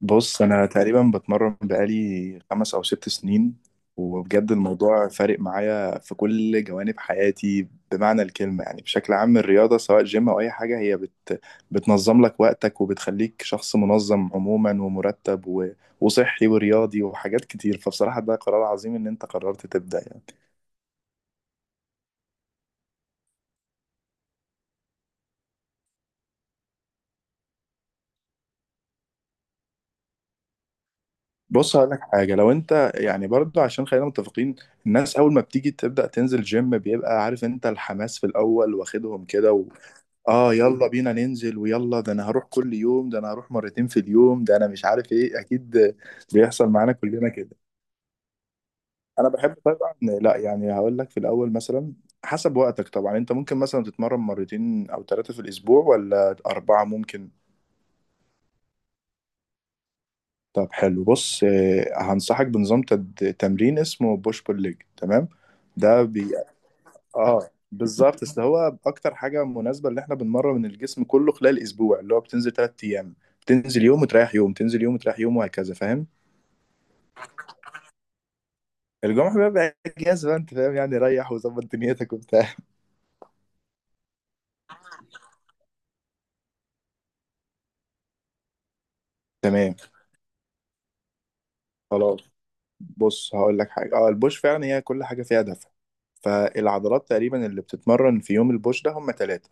بص، انا تقريبا بتمرن بقالي 5 او 6 سنين. وبجد الموضوع فارق معايا في كل جوانب حياتي بمعنى الكلمة، يعني بشكل عام الرياضة، سواء جيم او اي حاجة، هي بت بتنظم لك وقتك وبتخليك شخص منظم عموما ومرتب وصحي ورياضي وحاجات كتير. فبصراحة ده قرار عظيم ان انت قررت تبدأ يعني. بص هقول لك حاجة، لو انت يعني برضو، عشان خلينا متفقين، الناس اول ما بتيجي تبدأ تنزل جيم بيبقى عارف انت الحماس في الاول واخدهم كده. اه يلا بينا ننزل، ويلا ده انا هروح كل يوم، ده انا هروح مرتين في اليوم، ده انا مش عارف ايه، اكيد بيحصل معانا كلنا كده. انا بحب طبعا، لا يعني هقول لك في الاول مثلا حسب وقتك. طبعا انت ممكن مثلا تتمرن مرتين او ثلاثة في الاسبوع ولا اربعة، ممكن. طب حلو، بص هنصحك بنظام تمرين اسمه بوش بول ليج، تمام. ده بي... اه بالظبط، اصل هو اكتر حاجه مناسبه، اللي احنا بنمرن الجسم كله خلال اسبوع اللي هو بتنزل 3 ايام. بتنزل يوم وتريح يوم، تنزل يوم وتريح يوم، وهكذا، فاهم. الجمعه بيبقى اجازه بقى، انت فاهم، يعني ريح وظبط دنيتك وبتاع. تمام، خلاص. بص هقول لك حاجه، البوش فعلا هي كل حاجه فيها دفع. فالعضلات تقريبا اللي بتتمرن في يوم البوش ده هم ثلاثه: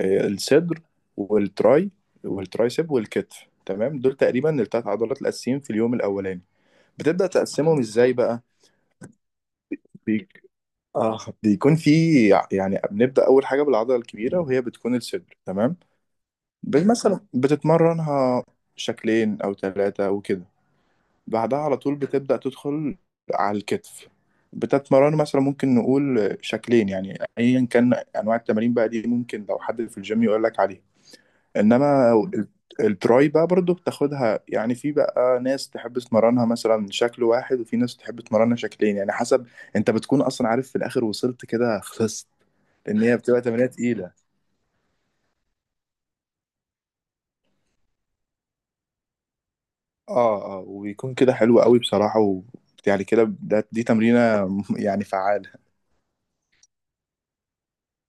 الصدر، والتراي والترايسب والكتف، تمام. دول تقريبا الثلاث عضلات الاساسيين في اليوم الاولاني. بتبدا تقسمهم ازاي بقى؟ اه بيكون في يعني بنبدأ أول حاجة بالعضلة الكبيرة، وهي بتكون الصدر، تمام. مثلا بتتمرنها شكلين أو ثلاثة وكده. بعدها على طول بتبدأ تدخل على الكتف، بتتمرن مثلا، ممكن نقول شكلين، يعني أيا كان أنواع التمارين بقى دي، ممكن لو حد في الجيم يقول لك عليها. إنما ال- التراي بقى برضو بتاخدها، يعني في بقى ناس تحب تمرنها مثلا شكل واحد، وفي ناس تحب تمرنها شكلين، يعني حسب. انت بتكون اصلا عارف في الاخر وصلت كده خلصت، ان هي بتبقى تمرينه تقيله. اه وبيكون كده حلو قوي بصراحه، يعني كده، دي تمرينه يعني فعاله.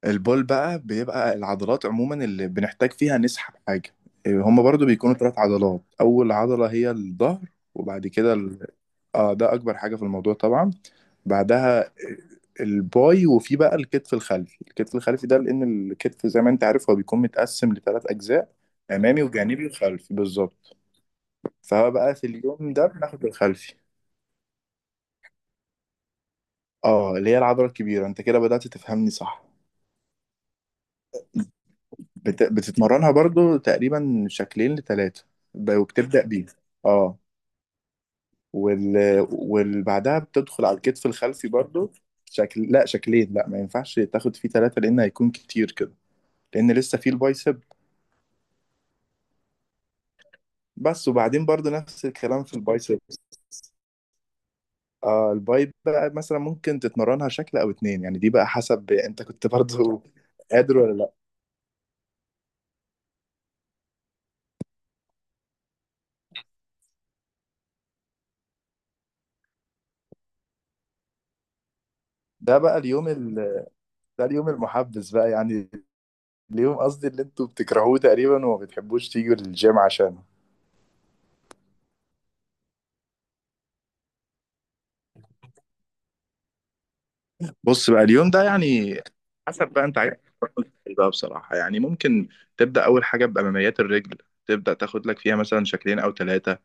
البول بقى بيبقى العضلات عموما اللي بنحتاج فيها نسحب حاجه. هما برضو بيكونوا ثلاث عضلات. اول عضله هي الظهر، وبعد كده ال... اه ده اكبر حاجه في الموضوع طبعا. بعدها الباي، وفي بقى الكتف الخلفي ده، لان الكتف زي ما انت عارف هو بيكون متقسم لثلاث اجزاء: امامي وجانبي وخلفي، بالظبط. فهو بقى في اليوم ده بناخد الخلفي، اه اللي هي العضلة الكبيرة. انت كده بدأت تفهمني، صح. بتتمرنها برضو تقريبا شكلين لتلاتة، وبتبدأ بيه، اه. وال... والبعدها بتدخل على الكتف الخلفي برضو، شكل، لا شكلين، لا ما ينفعش تاخد فيه تلاتة لأن هيكون كتير كده، لأن لسه فيه البايسب بس. وبعدين برضو نفس الكلام في البايسب، اه الباي بقى مثلا ممكن تتمرنها شكل أو اتنين، يعني دي بقى حسب انت كنت برضو قادر ولا لا. ده بقى اليوم ده اليوم المحبس بقى يعني، اليوم قصدي اللي انتوا بتكرهوه تقريبا وما بتحبوش تيجوا للجيم عشانه. بص بقى اليوم ده يعني حسب بقى انت عايز ايه بقى بصراحة، يعني ممكن تبدأ أول حاجة بأماميات الرجل، تبدأ تاخد لك فيها مثلا شكلين أو ثلاثة.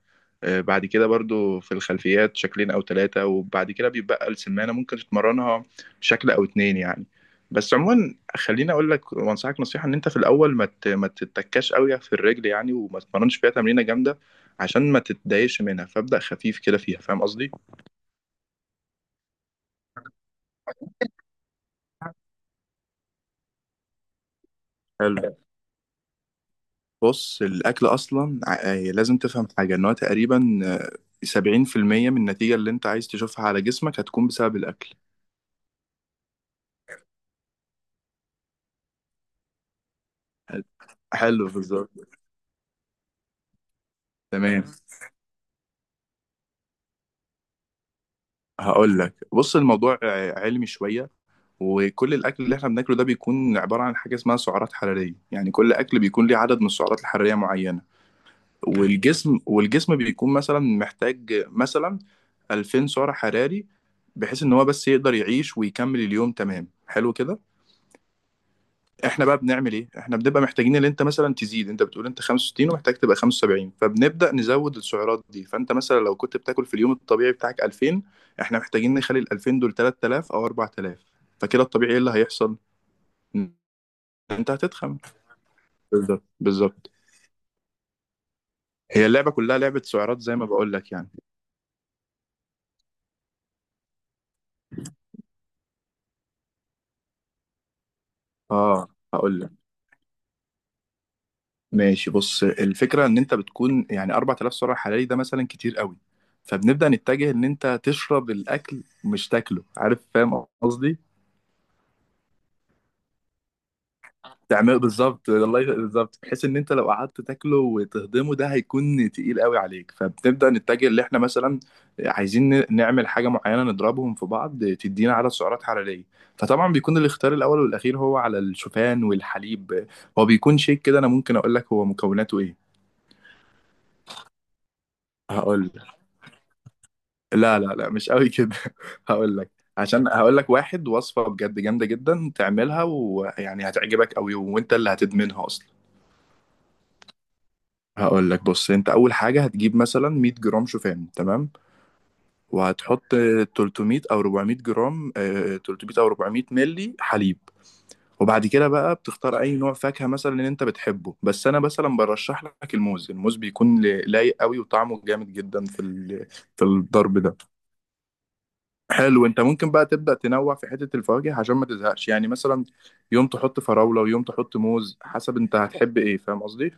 بعد كده برضو في الخلفيات شكلين او ثلاثة، وبعد كده بيبقى السمانة ممكن تتمرنها شكل او اتنين يعني. بس عموما خليني اقول لك وانصحك نصيحة، ان انت في الاول ما تتكاش قوي في الرجل يعني، وما تتمرنش فيها تمرينة جامدة عشان ما تتضايقش منها، فابدأ خفيف كده فيها، فاهم قصدي. حلو، بص الاكل اصلا لازم تفهم حاجة ان هو تقريبا 70% من النتيجة اللي انت عايز تشوفها على جسمك هتكون بسبب الاكل. حلو، بالظبط، تمام. هقول لك، بص الموضوع علمي شوية. وكل الأكل اللي احنا بناكله ده بيكون عبارة عن حاجة اسمها سعرات حرارية، يعني كل أكل بيكون ليه عدد من السعرات الحرارية معينة. والجسم بيكون مثلا محتاج مثلا 2000 سعر حراري، بحيث إن هو بس يقدر يعيش ويكمل اليوم، تمام، حلو كده. احنا بقى بنعمل ايه؟ احنا بنبقى محتاجين ان انت مثلا تزيد. انت بتقول انت 65 ومحتاج تبقى 75، فبنبدا نزود السعرات دي. فانت مثلا لو كنت بتاكل في اليوم الطبيعي بتاعك 2000، احنا محتاجين نخلي ال 2000 دول 3000 او 4000. فكده الطبيعي ايه اللي هيحصل؟ ان انت هتتخن، بالظبط بالظبط. هي اللعبه كلها لعبه سعرات، زي ما بقول لك يعني. اه هقول لك، ماشي. بص الفكره ان انت بتكون يعني 4000 سعر حراري، ده مثلا كتير قوي. فبنبدا نتجه ان انت تشرب الاكل مش تاكله، عارف، فاهم قصدي. تعمل بالظبط، بالظبط، بحيث ان انت لو قعدت تاكله وتهضمه ده هيكون تقيل قوي عليك. فبنبدا نتجه اللي احنا مثلا عايزين نعمل حاجه معينه نضربهم في بعض تدينا عدد سعرات حراريه. فطبعا بيكون الاختيار الاول والاخير هو على الشوفان والحليب. هو بيكون شيك كده، انا ممكن اقول لك هو مكوناته ايه. هقول لك، لا لا لا، مش قوي كده. هقول لك، عشان هقول لك واحد وصفه بجد جامده جدا تعملها، ويعني هتعجبك قوي وانت اللي هتدمنها اصلا. هقول لك، بص انت اول حاجه هتجيب مثلا 100 جرام شوفان، تمام، وهتحط 300 او 400 جرام 300 او 400 ملي حليب. وبعد كده بقى بتختار اي نوع فاكهه مثلا اللي انت بتحبه، بس انا مثلا برشح لك الموز. بيكون لايق قوي وطعمه جامد جدا في الضرب ده. حلو، انت ممكن بقى تبدا تنوع في حته الفواكه عشان ما تزهقش، يعني مثلا يوم تحط فراوله ويوم تحط موز، حسب انت هتحب ايه، فاهم قصدي.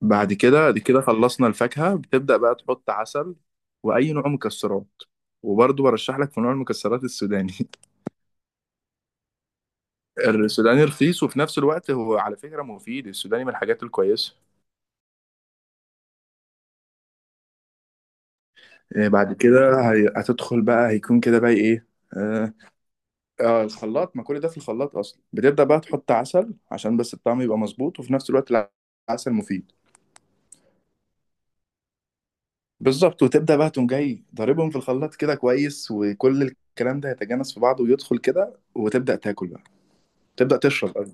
بعد كده دي كده خلصنا الفاكهة، بتبدأ بقى تحط عسل وأي نوع مكسرات، وبرضه برشح لك في نوع المكسرات السوداني. السوداني رخيص، وفي نفس الوقت هو على فكرة مفيد، السوداني من الحاجات الكويسة. إيه بعد كده هتدخل بقى، هيكون كده بقى إيه؟ آه الخلاط، ما كل ده في الخلاط أصلا. بتبدأ بقى تحط عسل عشان بس الطعم يبقى مظبوط، وفي نفس الوقت العسل مفيد، بالظبط. وتبدأ بقى تقوم جاي ضاربهم في الخلاط كده كويس، وكل الكلام ده يتجانس في بعضه ويدخل كده وتبدأ تاكل، تبدأ تشرب قبل.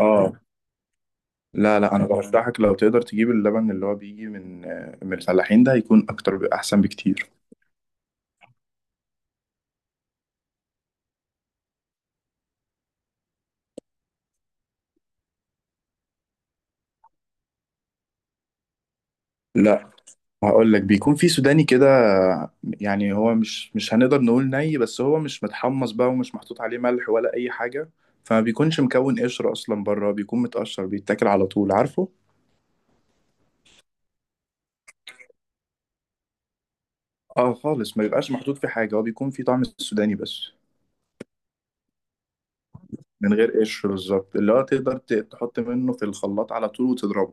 اه لا لا، انا برشحك لو تقدر تجيب اللبن اللي هو بيجي من الفلاحين، ده هيكون اكتر احسن بكتير. لا هقول لك، بيكون في سوداني كده، يعني هو مش هنقدر نقول ني، بس هو مش متحمص بقى، ومش محطوط عليه ملح ولا اي حاجة، فما بيكونش مكون قشر اصلا بره، بيكون متقشر بيتاكل على طول، عارفه. اه خالص، ما بيبقاش محطوط في حاجة، هو بيكون في طعم السوداني بس، من غير قشر، بالظبط، اللي هو تقدر تحط منه في الخلاط على طول وتضربه.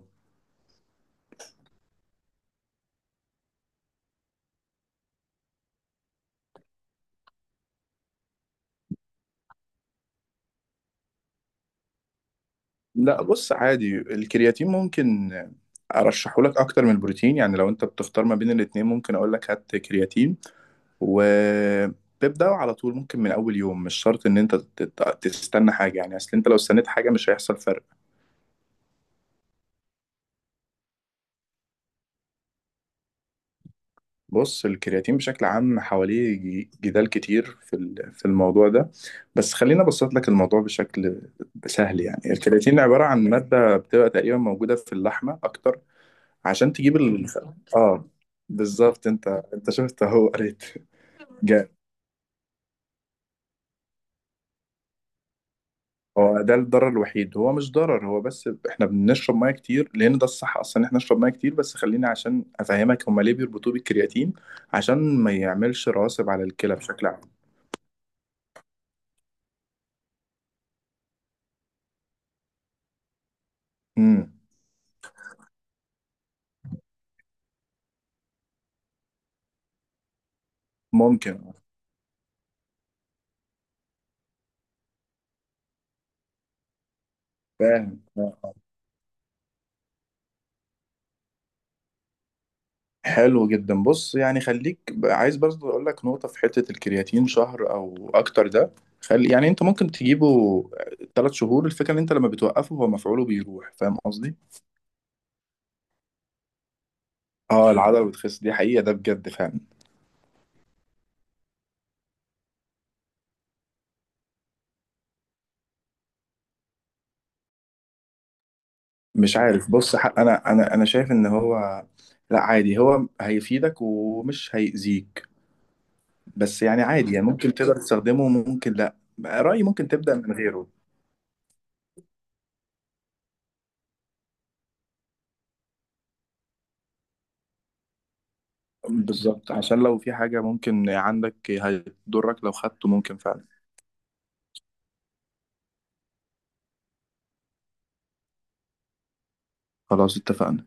لا بص عادي، الكرياتين ممكن ارشحه لك اكتر من البروتين، يعني لو انت بتختار ما بين الاتنين ممكن اقول لك هات كرياتين وتبدأ على طول، ممكن من اول يوم، مش شرط ان انت تستنى حاجة، يعني اصل انت لو استنيت حاجة مش هيحصل فرق. بص الكرياتين بشكل عام حواليه جدال كتير في الموضوع ده، بس خليني ابسط لك الموضوع بشكل سهل. يعني الكرياتين عبارة عن مادة بتبقى تقريبا موجودة في اللحمة اكتر، عشان تجيب اه بالظبط. انت شفت اهو قريت، جامد. هو ده الضرر الوحيد، هو مش ضرر، هو بس احنا بنشرب ميه كتير لان ده الصح اصلا، ان احنا نشرب ميه كتير. بس خليني عشان افهمك هما ليه بيربطوه بالكرياتين، عشان ما يعملش رواسب على الكلى بشكل عام. امم ممكن، فاهم، آه. حلو جدا. بص يعني خليك، عايز برضه اقول لك نقطه في حته الكرياتين شهر او اكتر ده، خلي يعني انت ممكن تجيبه 3 شهور. الفكره ان انت لما بتوقفه هو مفعوله بيروح، فاهم قصدي. اه العضله بتخس، دي حقيقه، ده بجد فعلا. مش عارف، بص حق انا شايف ان هو، لا، عادي. هو هيفيدك ومش هيأذيك، بس يعني عادي، يعني ممكن تقدر تستخدمه وممكن لا. رأيي ممكن تبدأ من غيره، بالظبط، عشان لو في حاجه ممكن عندك هتضرك لو خدته، ممكن فعلا. خلاص اتفقنا.